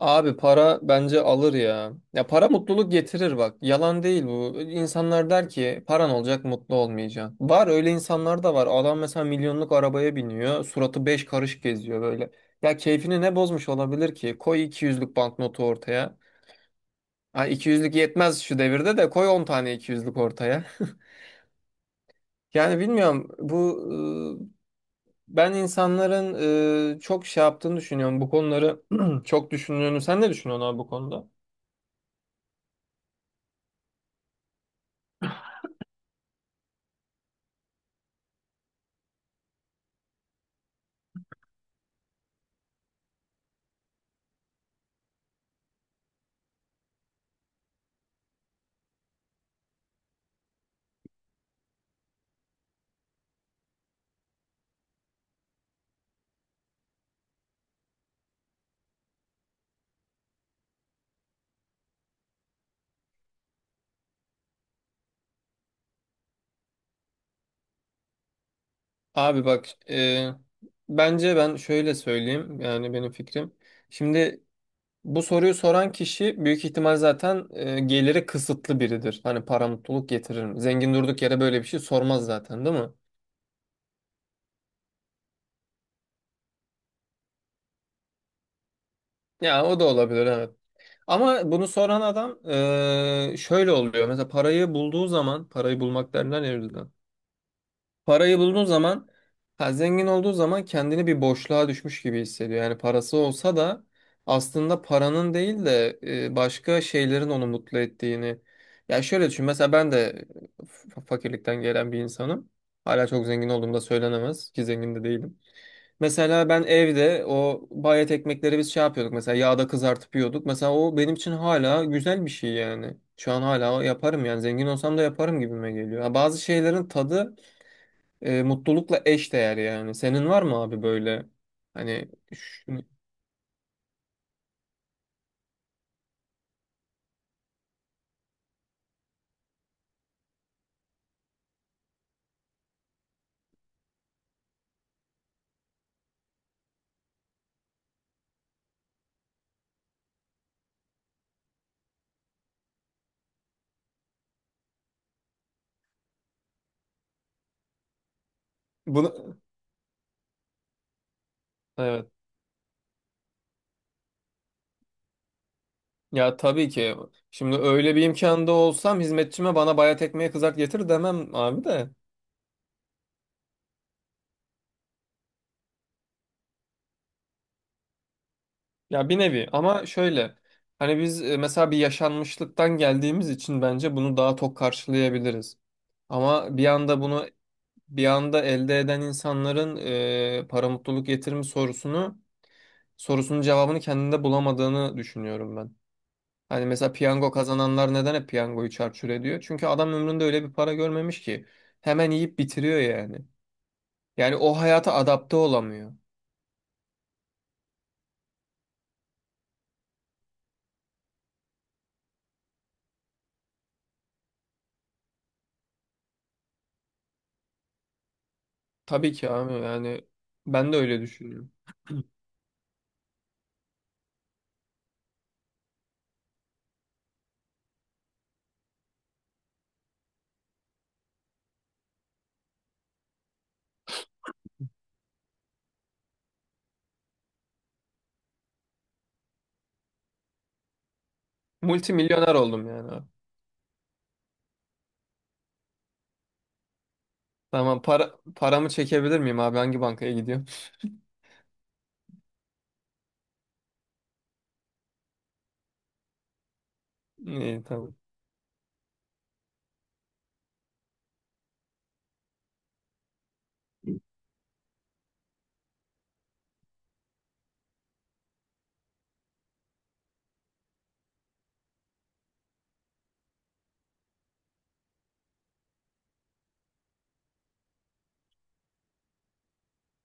Abi para bence alır ya. Ya para mutluluk getirir bak. Yalan değil bu. İnsanlar der ki paran olacak mutlu olmayacaksın. Var öyle insanlar da var. Adam mesela milyonluk arabaya biniyor. Suratı beş karış geziyor böyle. Ya keyfini ne bozmuş olabilir ki? Koy 200'lük banknotu ortaya. Ha 200'lük yetmez şu devirde de koy 10 tane 200'lük ortaya. Yani bilmiyorum bu. Ben insanların çok şey yaptığını düşünüyorum. Bu konuları çok düşündüğünü. Sen ne düşünüyorsun abi bu konuda? Abi bak, bence ben şöyle söyleyeyim, yani benim fikrim. Şimdi bu soruyu soran kişi büyük ihtimal zaten geliri kısıtlı biridir. Hani para mutluluk getirir mi? Zengin durduk yere böyle bir şey sormaz zaten, değil mi? Ya o da olabilir, evet. Ama bunu soran adam, şöyle oluyor. Mesela parayı bulduğu zaman, parayı bulmak derler ya. Parayı bulduğu zaman, ha, zengin olduğu zaman kendini bir boşluğa düşmüş gibi hissediyor. Yani parası olsa da aslında paranın değil de başka şeylerin onu mutlu ettiğini. Ya şöyle düşün, mesela ben de fakirlikten gelen bir insanım. Hala çok zengin olduğumda söylenemez ki, zengin de değilim. Mesela ben evde o bayat ekmekleri biz şey yapıyorduk mesela, yağda kızartıp yiyorduk. Mesela o benim için hala güzel bir şey yani. Şu an hala yaparım yani, zengin olsam da yaparım gibime geliyor. Ha, bazı şeylerin tadı mutlulukla eş değer yani. Senin var mı abi böyle, hani bunu? Evet, ya tabii ki. Şimdi öyle bir imkanda olsam hizmetçime bana bayat ekmeği kızart getir demem abi de. Ya bir nevi, ama şöyle, hani biz mesela bir yaşanmışlıktan geldiğimiz için bence bunu daha tok karşılayabiliriz, ama bir anda bunu, bir anda elde eden insanların para mutluluk getirir mi sorusunun cevabını kendinde bulamadığını düşünüyorum ben. Hani mesela piyango kazananlar neden hep piyangoyu çarçur ediyor? Çünkü adam ömründe öyle bir para görmemiş ki. Hemen yiyip bitiriyor yani. Yani o hayata adapte olamıyor. Tabii ki abi, yani ben de öyle düşünüyorum. Multimilyoner oldum yani abi. Tamam paramı çekebilir miyim abi? Hangi bankaya gidiyorum? İyi, tamam.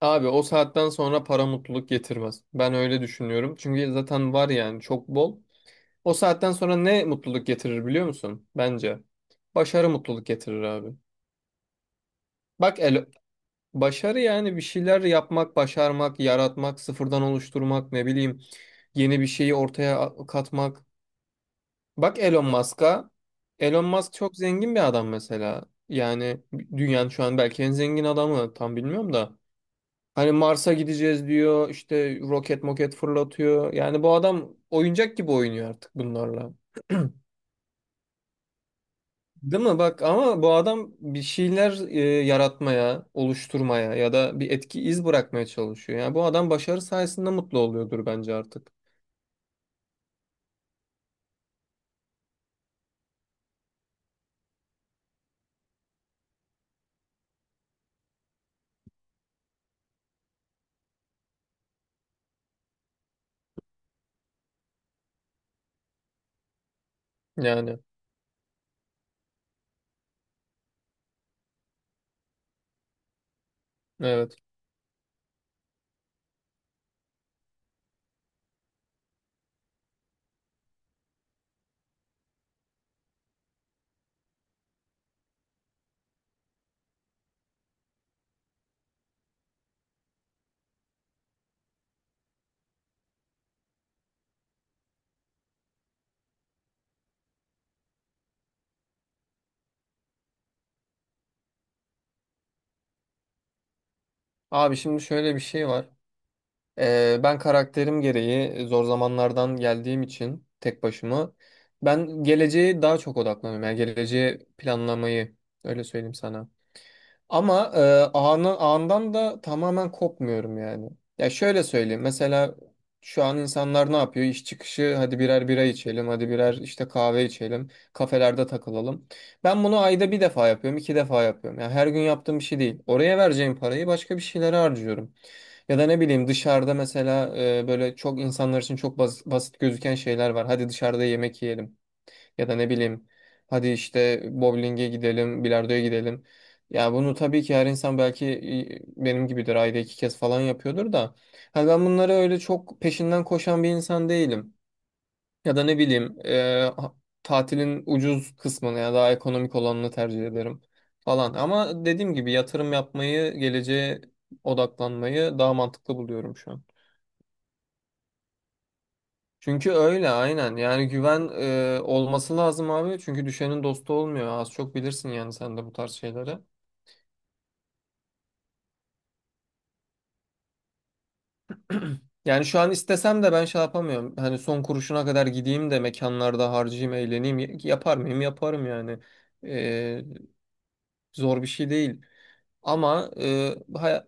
Abi o saatten sonra para mutluluk getirmez. Ben öyle düşünüyorum. Çünkü zaten var yani, çok bol. O saatten sonra ne mutluluk getirir biliyor musun? Bence başarı mutluluk getirir abi. Bak El Başarı, yani bir şeyler yapmak, başarmak, yaratmak, sıfırdan oluşturmak, ne bileyim, yeni bir şeyi ortaya katmak. Bak Elon Musk'a. Elon Musk çok zengin bir adam mesela. Yani dünyanın şu an belki en zengin adamı, tam bilmiyorum da. Hani Mars'a gideceğiz diyor, işte roket moket fırlatıyor. Yani bu adam oyuncak gibi oynuyor artık bunlarla. Değil mi? Bak ama bu adam bir şeyler yaratmaya, oluşturmaya ya da bir etki, iz bırakmaya çalışıyor. Yani bu adam başarı sayesinde mutlu oluyordur bence artık. Yani evet. Abi şimdi şöyle bir şey var. Ben karakterim gereği zor zamanlardan geldiğim için tek başıma ben geleceğe daha çok odaklanıyorum. Yani geleceği planlamayı, öyle söyleyeyim sana. Ama ağından da tamamen kopmuyorum yani. Ya şöyle söyleyeyim. Mesela şu an insanlar ne yapıyor? İş çıkışı hadi birer bira içelim, hadi birer işte kahve içelim, kafelerde takılalım. Ben bunu ayda bir defa yapıyorum, iki defa yapıyorum. Yani her gün yaptığım bir şey değil. Oraya vereceğim parayı başka bir şeylere harcıyorum. Ya da ne bileyim, dışarıda mesela böyle çok insanlar için çok basit gözüken şeyler var. Hadi dışarıda yemek yiyelim. Ya da ne bileyim, hadi işte bowling'e gidelim, bilardoya gidelim. Ya bunu tabii ki her insan belki benim gibidir, ayda iki kez falan yapıyordur da. Hani ben bunları öyle çok peşinden koşan bir insan değilim. Ya da ne bileyim tatilin ucuz kısmını ya daha ekonomik olanını tercih ederim falan. Ama dediğim gibi yatırım yapmayı, geleceğe odaklanmayı daha mantıklı buluyorum şu an. Çünkü öyle, aynen. Yani güven olması lazım abi. Çünkü düşenin dostu olmuyor. Az çok bilirsin yani sen de bu tarz şeyleri. Yani şu an istesem de ben şey yapamıyorum. Hani son kuruşuna kadar gideyim de mekanlarda harcayayım, eğleneyim. Yapar mıyım? Yaparım yani. E, Zor bir şey değil. Ama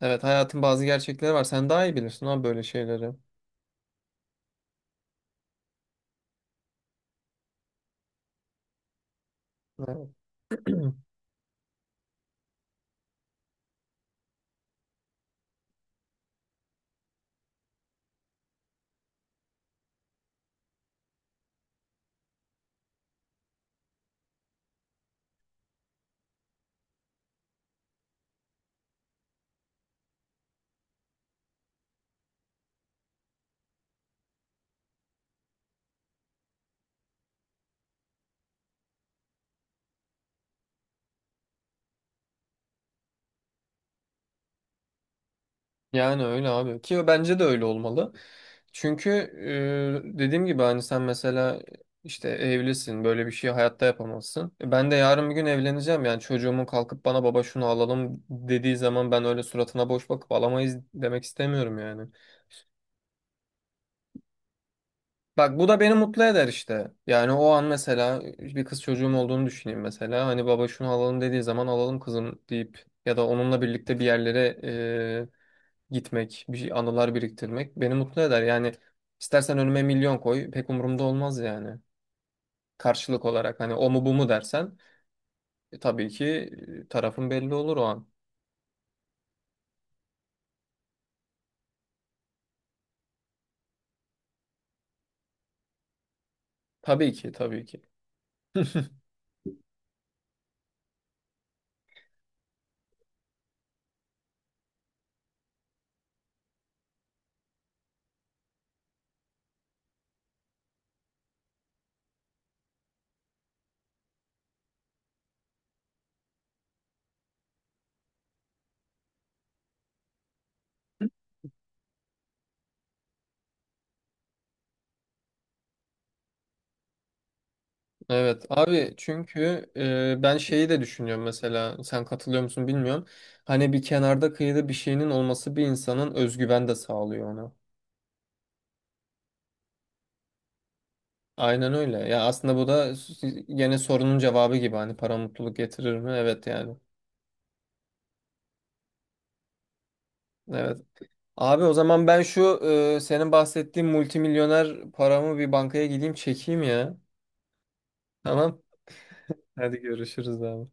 evet, hayatın bazı gerçekleri var. Sen daha iyi bilirsin abi böyle şeyleri. Yani öyle abi ki, bence de öyle olmalı. Çünkü dediğim gibi hani sen mesela işte evlisin, böyle bir şey hayatta yapamazsın. E, ben de yarın bir gün evleneceğim yani, çocuğumun kalkıp bana baba şunu alalım dediği zaman ben öyle suratına boş bakıp alamayız demek istemiyorum yani. Bak bu da beni mutlu eder işte. Yani o an mesela bir kız çocuğum olduğunu düşüneyim mesela, hani baba şunu alalım dediği zaman alalım kızım deyip ya da onunla birlikte bir yerlere gitmek, bir şey, anılar biriktirmek beni mutlu eder. Yani istersen önüme milyon koy, pek umurumda olmaz yani. Karşılık olarak hani o mu bu mu dersen, tabii ki, tarafın belli olur o an. Tabii ki, tabii ki. Evet abi, çünkü ben şeyi de düşünüyorum mesela, sen katılıyor musun bilmiyorum. Hani bir kenarda kıyıda bir şeyinin olması bir insanın özgüven de sağlıyor ona. Aynen öyle. Ya aslında bu da gene sorunun cevabı gibi, hani para mutluluk getirir mi? Evet yani. Evet. Abi o zaman ben şu, senin bahsettiğin multimilyoner paramı bir bankaya gideyim çekeyim ya. Tamam. Hadi görüşürüz abi.